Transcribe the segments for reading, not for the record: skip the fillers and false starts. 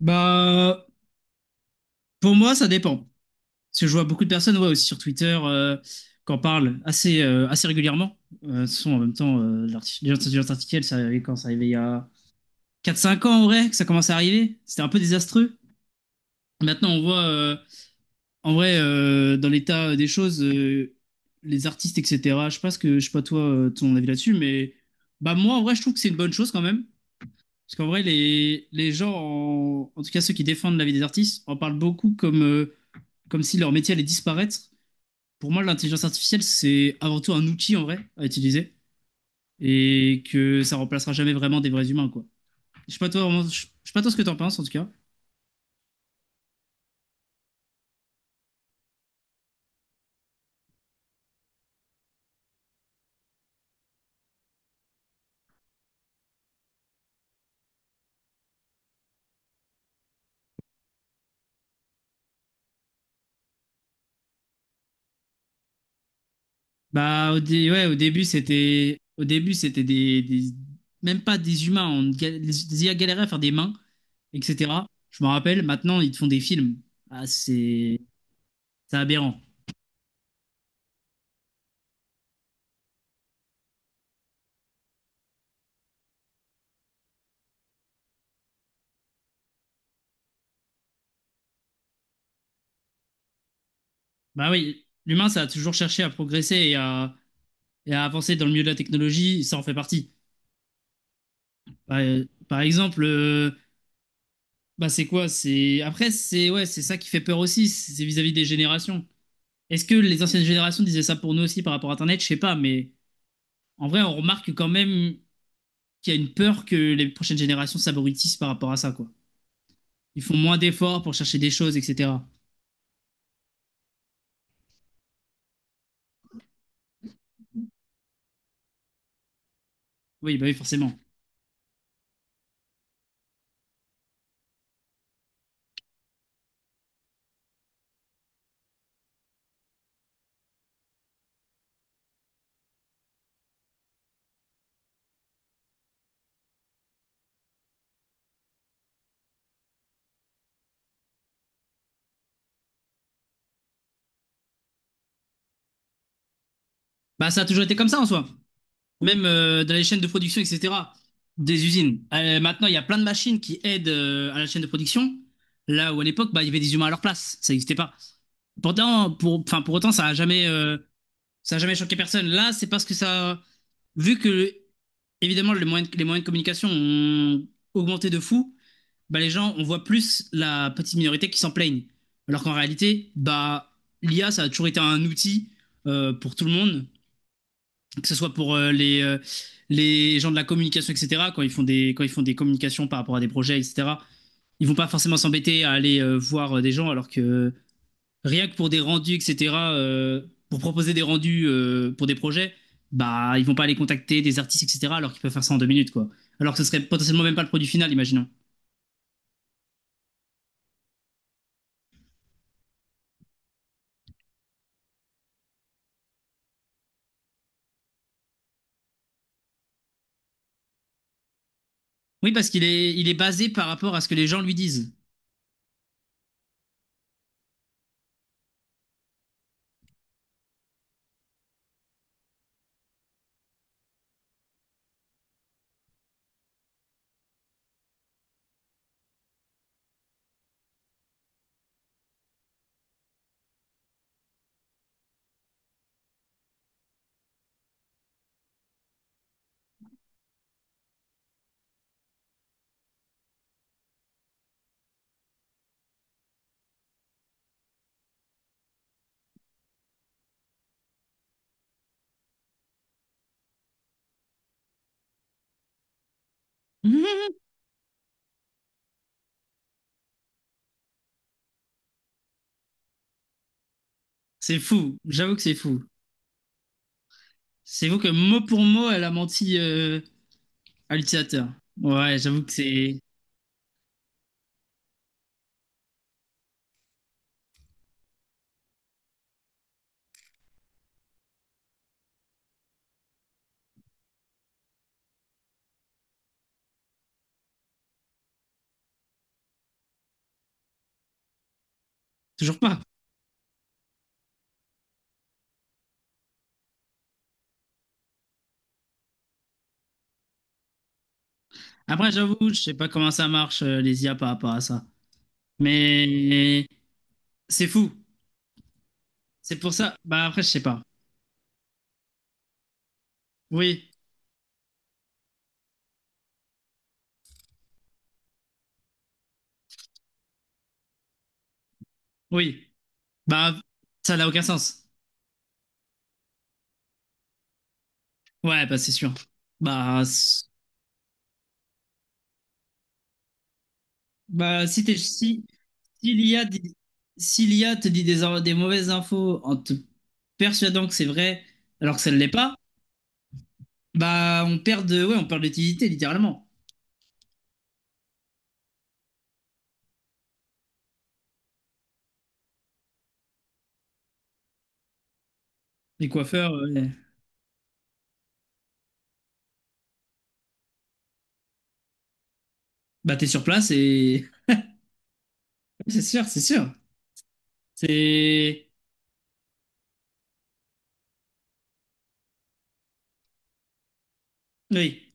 Bah, pour moi, ça dépend. Parce que je vois beaucoup de personnes, ouais, aussi sur Twitter, qu'en parlent assez régulièrement. De toute façon, en même temps, l'intelligence artificielle, ça arrivait quand ça arrivait il y a quatre cinq ans, en vrai, que ça commençait à arriver. C'était un peu désastreux. Maintenant, on voit, en vrai, dans l'état des choses, les artistes, etc. Je sais pas toi, ton avis là-dessus, mais bah, moi, en vrai, je trouve que c'est une bonne chose quand même. Parce qu'en vrai, les gens, en tout cas ceux qui défendent la vie des artistes, en parlent beaucoup comme si leur métier allait disparaître. Pour moi, l'intelligence artificielle, c'est avant tout un outil en vrai à utiliser et que ça remplacera jamais vraiment des vrais humains, quoi. Je sais pas toi, je sais pas toi ce que t'en penses en tout cas. Bah, ouais, au début, c'était des, même pas des humains, on ga- les IA galéraient à faire des mains, etc. Je me rappelle, maintenant, ils te font des films. Ah, c'est aberrant. Bah oui, l'humain, ça a toujours cherché à progresser et à avancer dans le milieu de la technologie, ça en fait partie. Par, par exemple. Bah, c'est quoi? C'est après c'est Ouais, c'est ça qui fait peur aussi, c'est vis-à-vis des générations. Est-ce que les anciennes générations disaient ça pour nous aussi par rapport à Internet? Je sais pas, mais en vrai, on remarque quand même qu'il y a une peur que les prochaines générations s'abrutissent par rapport à ça, quoi. Ils font moins d'efforts pour chercher des choses, etc. Oui, bah oui, forcément. Bah, ça a toujours été comme ça en soi. Même dans les chaînes de production, etc. Des usines. Maintenant, il y a plein de machines qui aident à la chaîne de production. Là où à l'époque, bah, il y avait des humains à leur place, ça n'existait pas. Pourtant pour Enfin, pour autant, ça n'a jamais choqué personne. Là, c'est parce que ça. Vu que, évidemment, les moyens de communication ont augmenté de fou, bah, les gens, on voit plus la petite minorité qui s'en plaignent. Alors qu'en réalité, bah, l'IA, ça a toujours été un outil pour tout le monde, que ce soit pour les gens de la communication, etc., quand ils font des communications par rapport à des projets, etc. Ils vont pas forcément s'embêter à aller voir des gens, alors que, rien que pour des rendus, etc., pour proposer des rendus pour des projets, bah, ils vont pas aller contacter des artistes, etc., alors qu'ils peuvent faire ça en 2 minutes, quoi. Alors que ce serait potentiellement même pas le produit final, imaginons. Oui, parce qu'il est basé par rapport à ce que les gens lui disent. C'est fou, j'avoue que c'est fou. C'est vous que mot pour mot, elle a menti à l'utilisateur. Ouais, j'avoue que c'est toujours pas. Après, j'avoue, je sais pas comment ça marche, les IA par rapport à ça. Mais c'est fou. C'est pour ça. Bah, après, je sais pas. Oui, oui. Bah, ça n'a aucun sens. Ouais, bah, c'est sûr. Bah, s- bah, si t'es, si, si l'IA dit- si l'IA te dit des mauvaises infos en te persuadant que c'est vrai alors que ça ne l'est pas, bah, ouais, on perd d'utilité littéralement. Les coiffeurs, ouais. Bah, t'es sur place et c'est sûr, c'est sûr. C'est oui,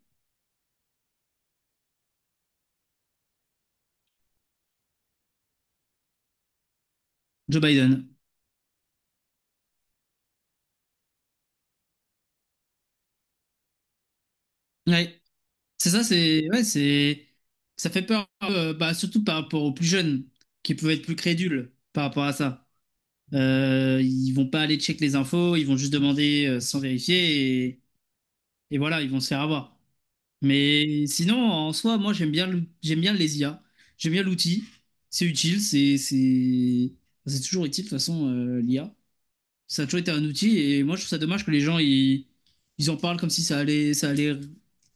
Joe Biden. Ouais, c'est ça, c'est ouais, c'est ça fait peur, bah, surtout par rapport aux plus jeunes qui peuvent être plus crédules par rapport à ça. Ils vont pas aller check les infos, ils vont juste demander sans vérifier et, voilà, ils vont se faire avoir. Mais sinon, en soi, moi, j'aime bien les IA, j'aime bien l'outil, c'est utile, c'est toujours utile de toute façon, l'IA. Ça a toujours été un outil et moi, je trouve ça dommage que les gens, ils en parlent comme si ça allait ça allait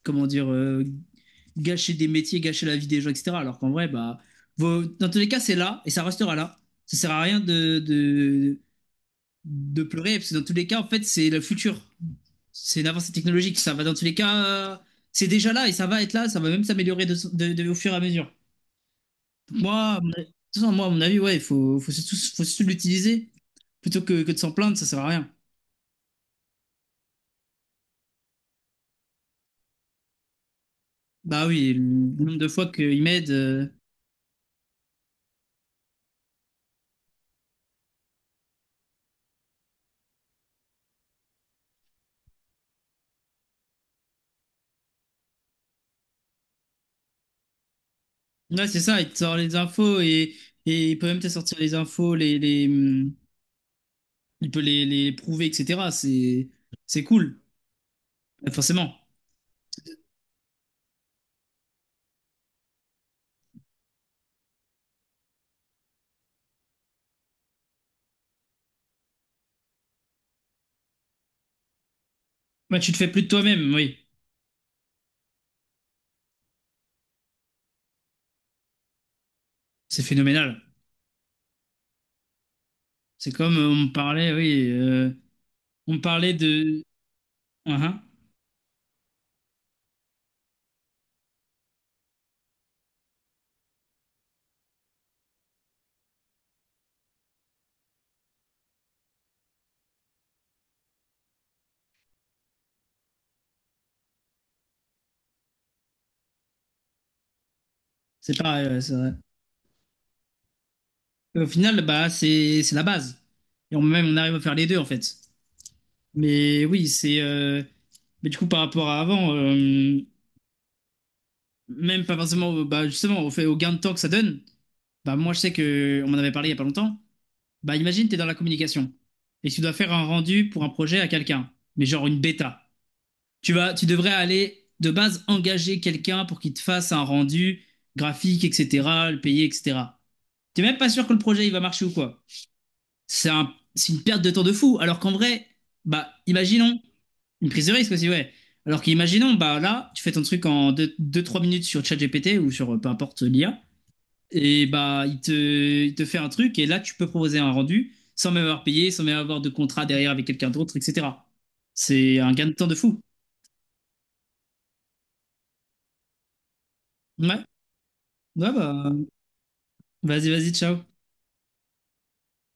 comment dire gâcher des métiers, gâcher la vie des gens, etc. Alors qu'en vrai, bah, dans tous les cas, c'est là et ça restera là. Ça sert à rien de pleurer, parce que dans tous les cas, en fait, c'est le futur. C'est l'avancée technologique. Ça va dans tous les cas, c'est déjà là et ça va être là, ça va même s'améliorer au fur et à mesure. Donc, moi, de toute façon, moi, à mon avis, ouais, il faut, faut surtout l'utiliser plutôt que de s'en plaindre, ça sert à rien. Bah oui, le nombre de fois qu'il m'aide, ouais, c'est ça, il te sort les infos et il peut même te sortir les infos, il peut les prouver, etc. C'est cool, forcément. Bah, tu te fais plus de toi-même, oui, c'est phénoménal. C'est comme oui, on me parlait de. Uhum. C'est pareil, ouais, c'est vrai. Au final, bah, c'est la base. Et même, on arrive à faire les deux, en fait. Mais oui, c'est. Mais du coup, par rapport à avant, même pas forcément, bah, justement, au fait, au gain de temps que ça donne, bah, moi, je sais que, on m'en avait parlé il y a pas longtemps. Bah, imagine, t'es dans la communication et tu dois faire un rendu pour un projet à quelqu'un, mais genre une bêta. Tu devrais aller de base engager quelqu'un pour qu'il te fasse un rendu graphique, etc., le payer, etc. T'es même pas sûr que le projet il va marcher ou quoi. C'est une perte de temps de fou. Alors qu'en vrai, bah, imaginons, une prise de risque aussi, ouais. Alors qu'imaginons, bah là, tu fais ton truc en deux trois minutes sur ChatGPT ou sur peu importe l'IA, et bah, il te fait un truc, et là, tu peux proposer un rendu sans même avoir payé, sans même avoir de contrat derrière avec quelqu'un d'autre, etc. C'est un gain de temps de fou. Ouais, ouais, bah. Vas-y, vas-y, ciao.